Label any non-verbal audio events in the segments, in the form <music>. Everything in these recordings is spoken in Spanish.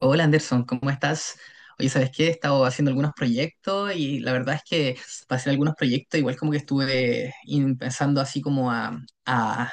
Hola Anderson, ¿cómo estás? Oye, ¿sabes qué? He estado haciendo algunos proyectos y la verdad es que para hacer algunos proyectos igual como que estuve pensando así como a-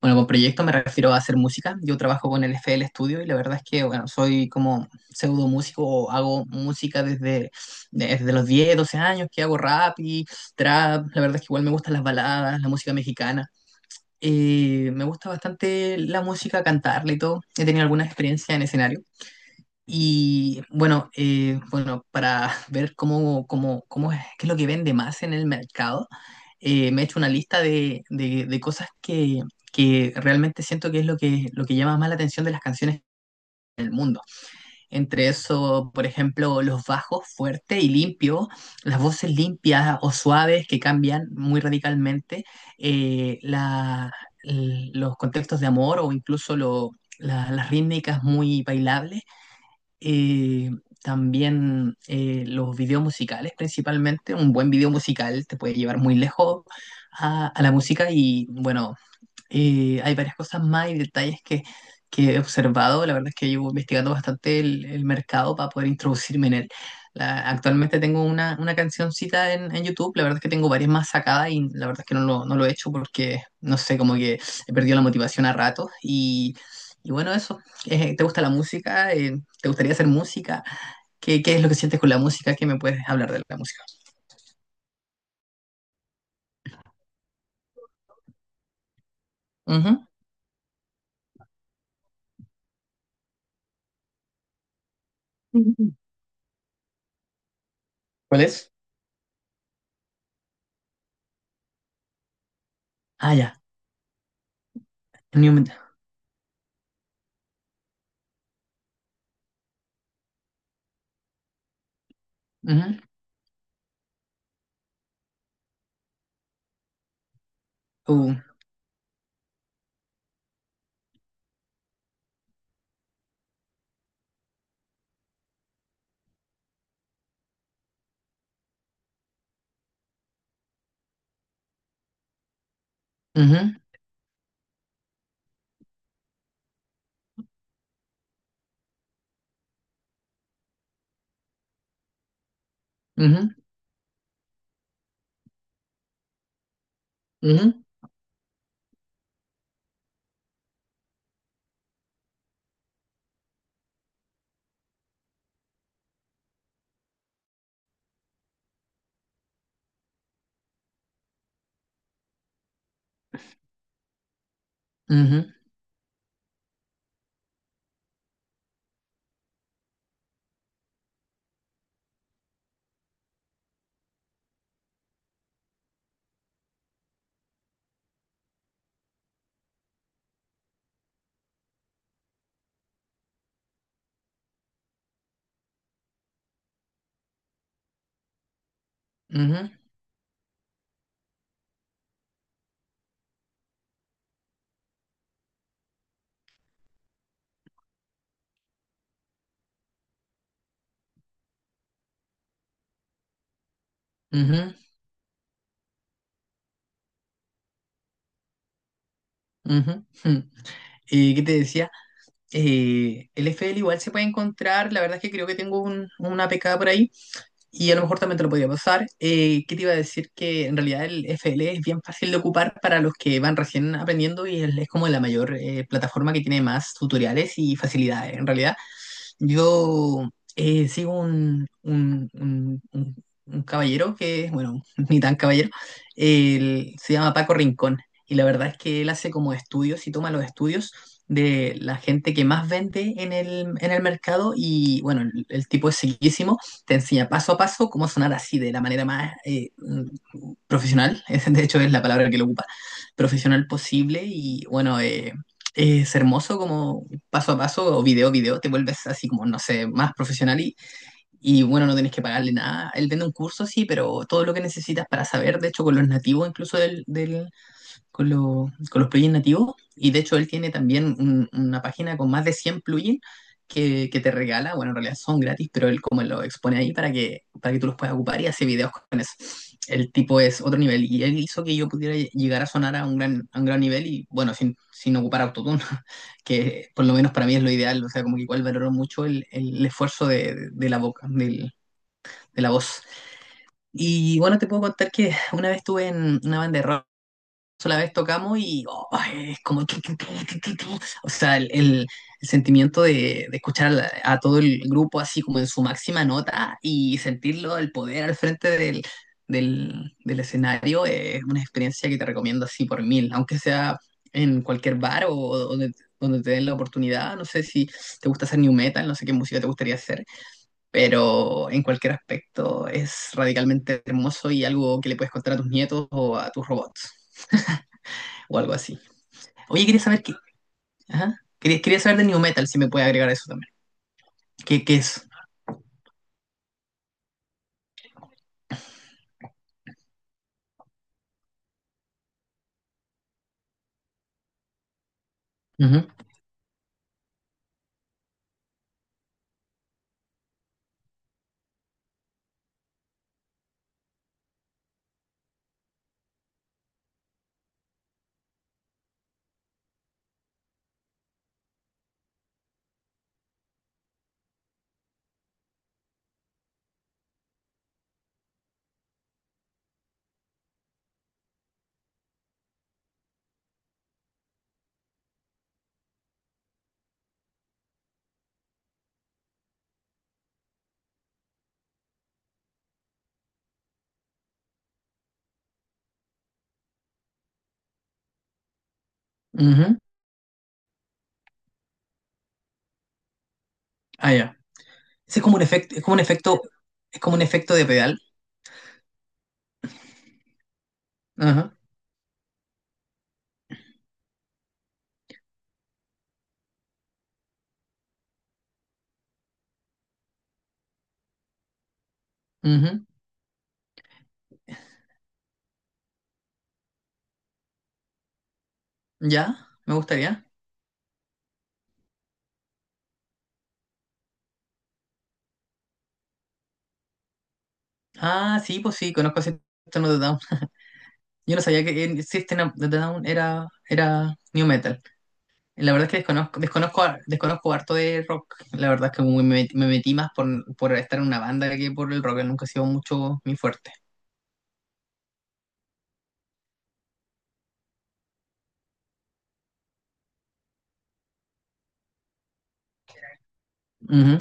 Bueno, con proyectos me refiero a hacer música. Yo trabajo con el FL Studio y la verdad es que, bueno, soy como pseudo músico o hago música desde los 10 12 años que hago rap y trap. La verdad es que igual me gustan las baladas, la música mexicana. Me gusta bastante la música, cantarla y todo. He tenido alguna experiencia en escenario. Y bueno, para <laughs> ver cómo es, qué es lo que vende más en el mercado, me he hecho una lista de cosas que realmente siento que es lo que llama más la atención de las canciones. Entre eso, por ejemplo, los bajos fuertes y limpios, las voces limpias o suaves que cambian muy radicalmente, eh, la- los contextos de amor o incluso las rítmicas muy bailables, eh, también los videos musicales principalmente. Un buen video musical te puede llevar muy lejos a la música y bueno, y hay varias cosas más y detalles que he observado. La verdad es que llevo investigando bastante el mercado para poder introducirme en él. Actualmente tengo una cancioncita en YouTube. La verdad es que tengo varias más sacadas y la verdad es que no lo he hecho porque, no sé, como que he perdido la motivación a ratos. Y bueno, eso. ¿Te gusta la música? ¿Te gustaría hacer música? ¿Qué es lo que sientes con la música? ¿Qué me puedes hablar de la música? Ujú. ¿Cuál es? Ah, ya. New Metal. Ujú. Uh, Ujú, ujú, Ujú, ujú, ujú, ujú, ujú, jum. ¿Qué te decía? El FL igual se puede encontrar, la verdad es que creo que tengo una pecada por ahí, y a lo mejor también te lo podría pasar. ¿Qué te iba a decir? Que en realidad el FL es bien fácil de ocupar para los que van recién aprendiendo y es como la mayor plataforma que tiene más tutoriales y facilidades. En realidad, yo sigo un caballero que, bueno, <laughs> ni tan caballero, él se llama Paco Rincón y la verdad es que él hace como estudios y toma los estudios de la gente que más vende en el mercado y, bueno, el tipo es seguísimo, te enseña paso a paso cómo sonar así de la manera más profesional, <laughs> de hecho es la palabra que lo ocupa, profesional posible y bueno, es hermoso como paso a paso o video a video te vuelves así como, no sé, más profesional y bueno, no tenés que pagarle nada. Él vende un curso, sí, pero todo lo que necesitas para saber, de hecho con los nativos, incluso con los plugins nativos. Y de hecho, él tiene también una página con más de 100 plugins que te regala. Bueno, en realidad son gratis, pero él como lo expone ahí para que tú los puedas ocupar y hace videos con eso. El tipo es otro nivel y él hizo que yo pudiera llegar a sonar a un gran nivel y bueno, sin ocupar autotune, <laughs> que por lo menos para mí es lo ideal. O sea, como que igual valoro mucho el esfuerzo de la boca, de la voz. Y bueno, te puedo contar que una vez estuve en una banda de rock, sola vez tocamos y, oh, es como tu, tu, tu, tu, tu, tu. O sea, el sentimiento de escuchar a todo el grupo así como en su máxima nota y sentirlo, el poder al frente del escenario es una experiencia que te recomiendo así por mil, aunque sea en cualquier bar o donde te den la oportunidad. No sé si te gusta hacer new metal, no sé qué música te gustaría hacer, pero en cualquier aspecto es radicalmente hermoso y algo que le puedes contar a tus nietos o a tus robots o algo así. Oye, quería saber qué. Ajá. Quería saber de New Metal, si me puede agregar eso también. ¿Qué es? Ujú, ujú. Ah, ya. Ese Es como un efecto de pedal. Ajá. Ujú. Ya, me gustaría. Ah, sí, pues sí, conozco ese tono de Down. Yo no sabía que System of a Down era New Metal. La verdad es que desconozco harto de rock. La verdad es que me metí más por estar en una banda que por el rock. Nunca ha sido mucho mi fuerte. Ujú.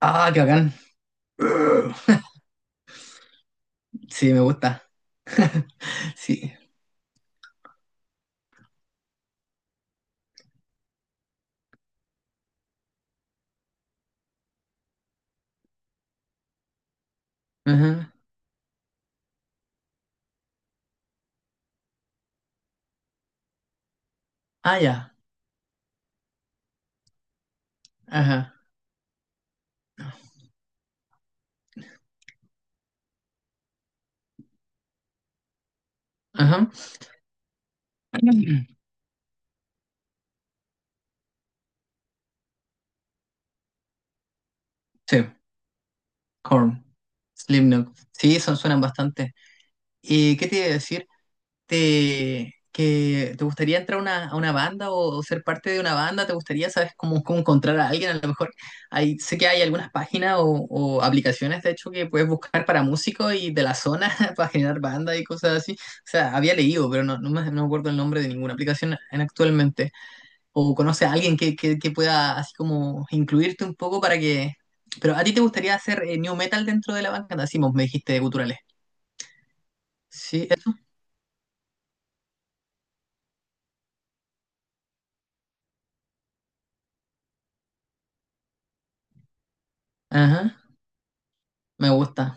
Ah, qué bacán. Sí, me gusta. <laughs> Sí. Ajá. Ah, ya. Ajá. Ajá. <clears throat> Sí, Korn, Slipknot. Sí, suenan bastante. ¿Y qué te iba a decir? ¿Te gustaría entrar a a una banda o ser parte de una banda? ¿Te gustaría, sabes, cómo encontrar a alguien? A lo mejor sé que hay algunas páginas o aplicaciones, de hecho, que puedes buscar para músicos y de la zona <laughs> para generar bandas y cosas así. O sea, había leído, pero no me acuerdo el nombre de ninguna aplicación actualmente. O conoces a alguien que pueda así como incluirte un poco para que... Pero a ti te gustaría hacer new metal dentro de la banda, así me dijiste, de guturales. Sí, eso. Ajá, me gusta.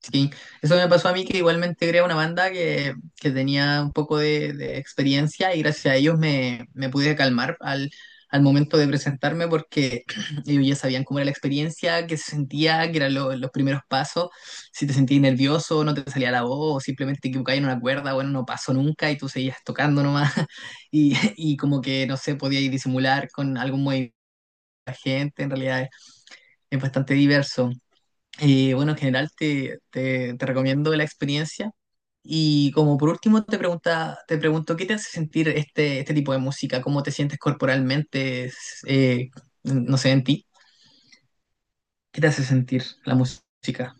Sí, eso me pasó a mí, que igualmente creé una banda que tenía un poco de experiencia y gracias a ellos me pude calmar al momento de presentarme, porque <clears throat> ellos ya sabían cómo era la experiencia, qué se sentía, que eran los primeros pasos, si te sentías nervioso, no te salía la voz, o simplemente te equivocabas en una cuerda. Bueno, no pasó nunca y tú seguías tocando nomás, <laughs> y como que, no sé, podías disimular con algún movimiento de la gente. En realidad es bastante diverso. Bueno, en general te recomiendo la experiencia. Y como por último te pregunto, ¿qué te hace sentir este tipo de música? ¿Cómo te sientes corporalmente? No sé, en ti. ¿Qué te hace sentir la música?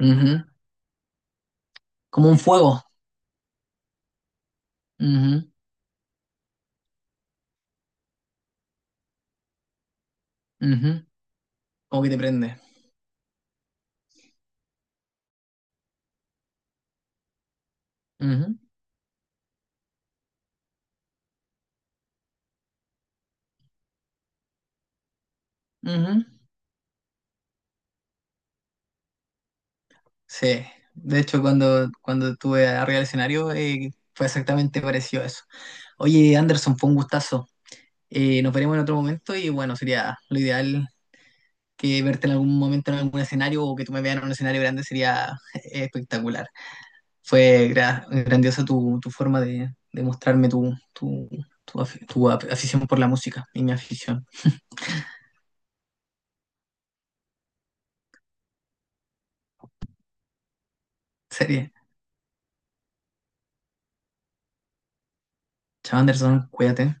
Ujú. Como un fuego. Ujú, ujú. Como que te prende. Ujú, ujú. Sí. De hecho, cuando estuve arriba del escenario, fue exactamente parecido a eso. Oye, Anderson, fue un gustazo. Nos veremos en otro momento y bueno, sería lo ideal que verte en algún momento en algún escenario o que tú me veas en un escenario grande sería <laughs> espectacular. Fue grandiosa tu forma de mostrarme tu afición por la música y mi afición. Sería. Chao, Anderson, cuídate.